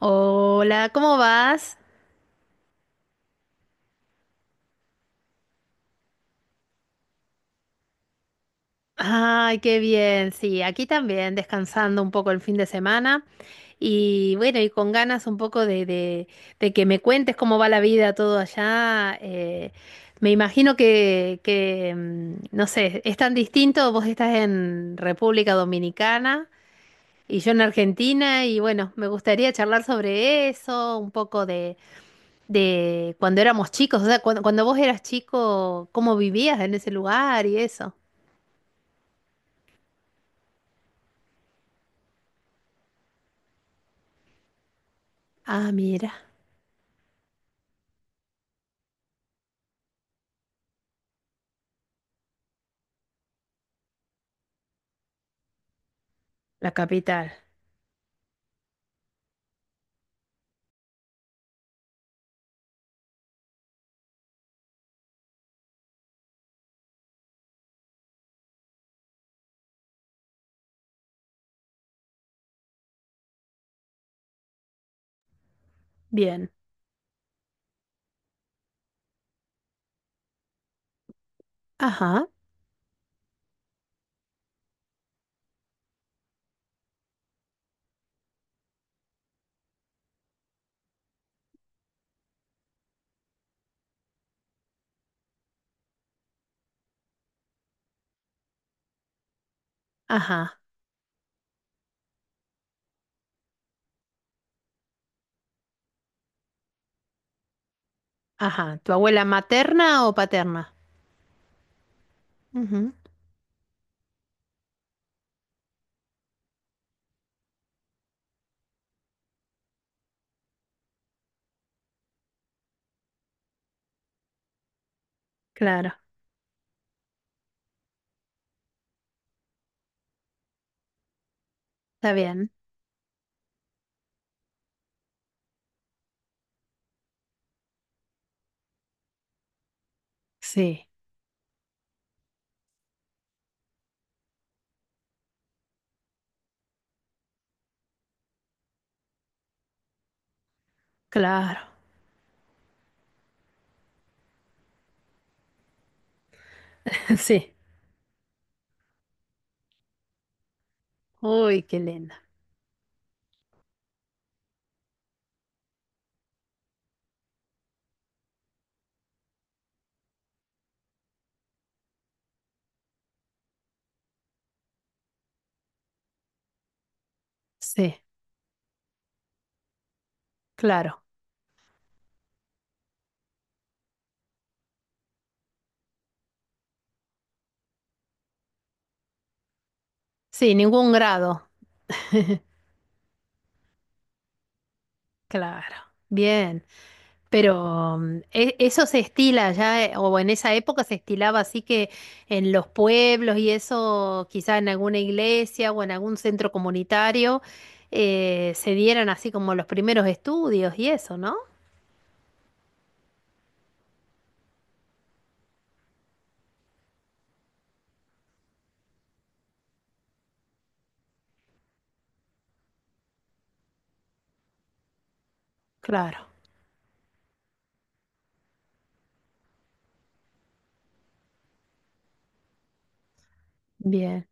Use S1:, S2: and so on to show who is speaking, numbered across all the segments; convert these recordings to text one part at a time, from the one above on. S1: Hola, ¿cómo vas? Ay, qué bien, sí, aquí también, descansando un poco el fin de semana y bueno, y con ganas un poco de que me cuentes cómo va la vida todo allá. Me imagino que, no sé, es tan distinto, vos estás en República Dominicana y yo en Argentina y bueno, me gustaría charlar sobre eso, un poco de cuando éramos chicos, o sea, cuando vos eras chico, cómo vivías en ese lugar y eso. Ah, mira, la capital. Bien. Ajá, ajá, ajá. ¿Tu abuela materna o paterna? Ujú. Claro, está bien. Sí, claro. Sí. Uy, qué linda. Sí, claro. Sí, ningún grado. Claro. Bien. Pero mm, eso se estila ya, o en esa época se estilaba así que en los pueblos y eso, quizá en alguna iglesia o en algún centro comunitario, se dieran así como los primeros estudios y eso, ¿no? Claro, bien.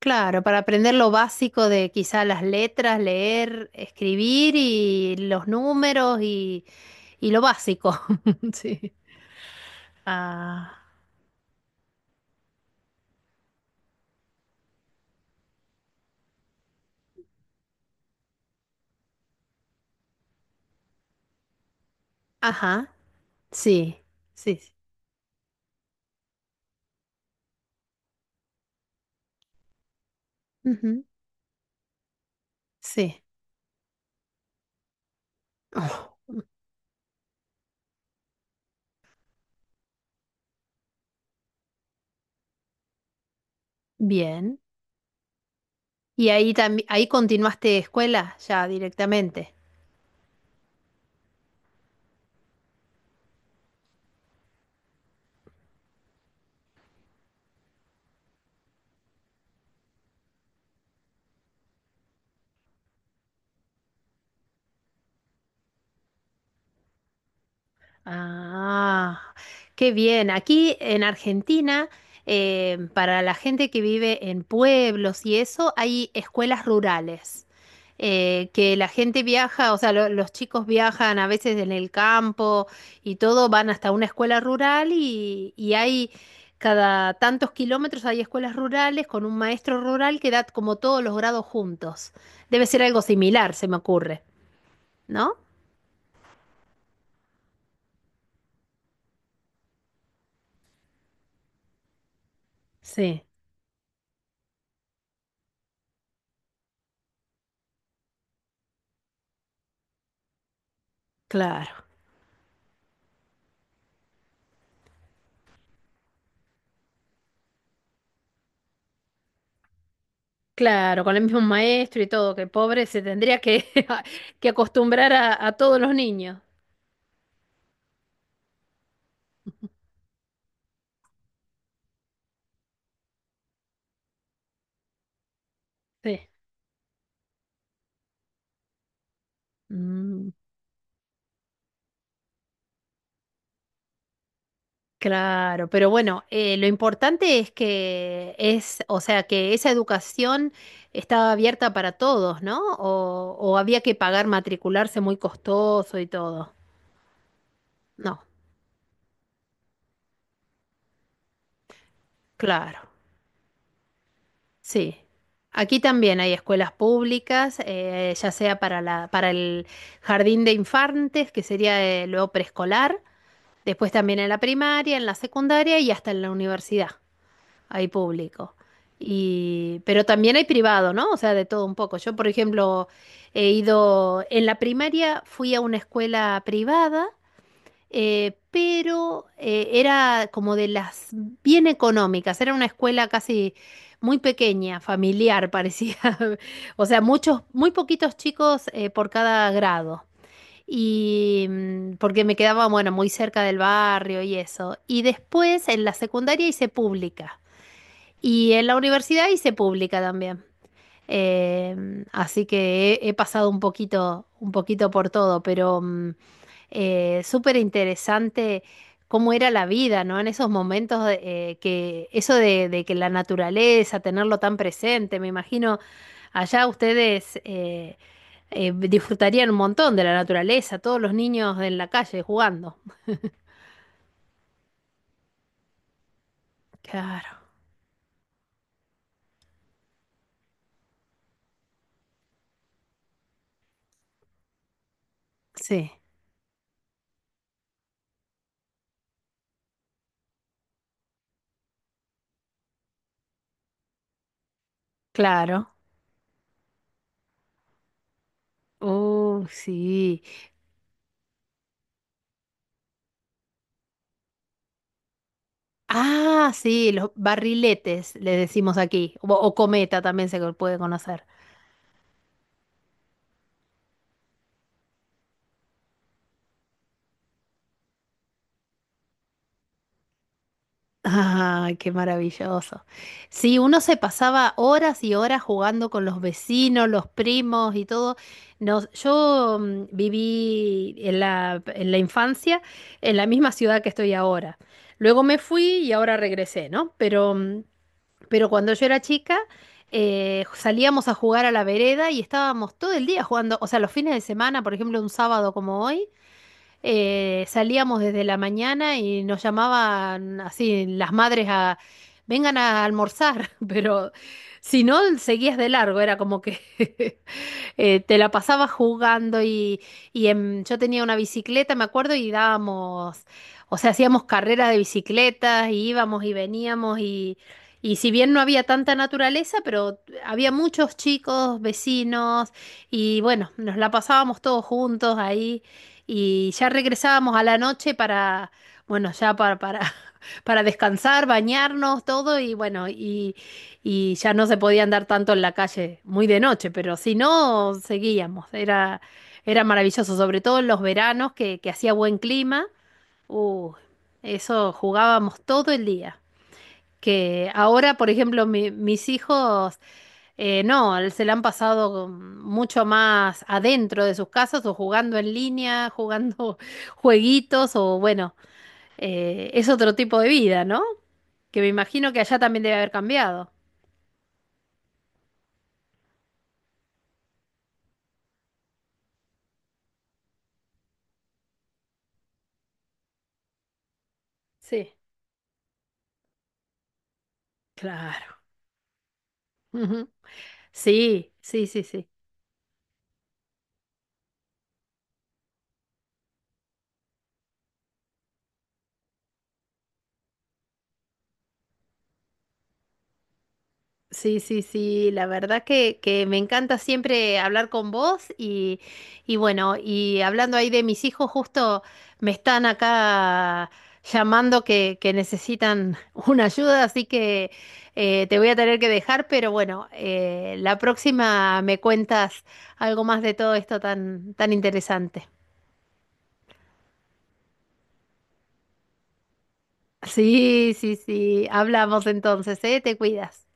S1: Claro, para aprender lo básico de quizá las letras, leer, escribir y los números y lo básico. Sí. Ah, ajá, sí, sí, sí. Ujú, sí. Bien. ¿Y ahí también ahí continuaste escuela ya directamente? Ah, qué bien. Aquí en Argentina, para la gente que vive en pueblos y eso, hay escuelas rurales. Que la gente viaja, o sea, los chicos viajan a veces en el campo y todo, van hasta una escuela rural y hay cada tantos kilómetros hay escuelas rurales con un maestro rural que da como todos los grados juntos. Debe ser algo similar, se me ocurre, ¿no? Sí, claro. Claro, con el mismo maestro y todo, que pobre se tendría que, que acostumbrar a todos los niños. Sí. Mm, claro, pero bueno, lo importante es que es, o sea, que esa educación estaba abierta para todos, ¿no? O había que pagar matricularse muy costoso y todo. No, claro, sí. Aquí también hay escuelas públicas, ya sea para la, para el jardín de infantes, que sería luego preescolar. Después también en la primaria, en la secundaria y hasta en la universidad hay público. Y, pero también hay privado, ¿no? O sea, de todo un poco. Yo, por ejemplo, he ido, en la primaria fui a una escuela privada, pero era como de las bien económicas, era una escuela casi muy pequeña, familiar, parecía. O sea, muchos, muy poquitos chicos por cada grado. Y mm, porque me quedaba, bueno, muy cerca del barrio y eso. Y después en la secundaria hice pública. Y en la universidad hice pública también. Así que he pasado un poquito por todo, pero mm, súper interesante cómo era la vida, ¿no? En esos momentos de- Eh, que eso de que la naturaleza, tenerlo tan presente, me imagino allá ustedes disfrutarían un montón de la naturaleza, todos los niños en la calle jugando. Claro, sí, claro. Oh, sí. Ah, sí, los barriletes le decimos aquí, o cometa también se puede conocer. Ah, qué maravilloso. Sí, uno se pasaba horas y horas jugando con los vecinos, los primos y todo. Nos, yo mm, viví en la infancia en la misma ciudad que estoy ahora. Luego me fui y ahora regresé, ¿no? Pero mm, pero cuando yo era chica, salíamos a jugar a la vereda y estábamos todo el día jugando. O sea, los fines de semana, por ejemplo, un sábado como hoy, salíamos desde la mañana y nos llamaban así las madres a vengan a almorzar, pero si no, seguías de largo, era como que te la pasaba jugando y, yo tenía una bicicleta, me acuerdo, y dábamos, o sea, hacíamos carreras de bicicletas y íbamos y veníamos y si bien no había tanta naturaleza, pero había muchos chicos, vecinos y bueno, nos la pasábamos todos juntos ahí y ya regresábamos a la noche bueno, ya para descansar, bañarnos, todo y bueno, y ya no se podía andar tanto en la calle, muy de noche, pero si no, seguíamos. Era maravilloso, sobre todo en los veranos que hacía buen clima. Uh, eso jugábamos todo el día. Que ahora, por ejemplo, mis hijos, no, se la han pasado mucho más adentro de sus casas o jugando en línea, jugando jueguitos o bueno, es otro tipo de vida, ¿no? Que me imagino que allá también debe haber cambiado. Sí, claro. Ujú. Sí, sí, sí, sí. Sí, sí, sí. La verdad que me encanta siempre hablar con vos y bueno, y hablando ahí de mis hijos, justo me están acá llamando que necesitan una ayuda, así que te voy a tener que dejar, pero bueno, la próxima me cuentas algo más de todo esto tan, tan interesante. Sí, sí, sí. Hablamos entonces, ¿eh? Te cuidas.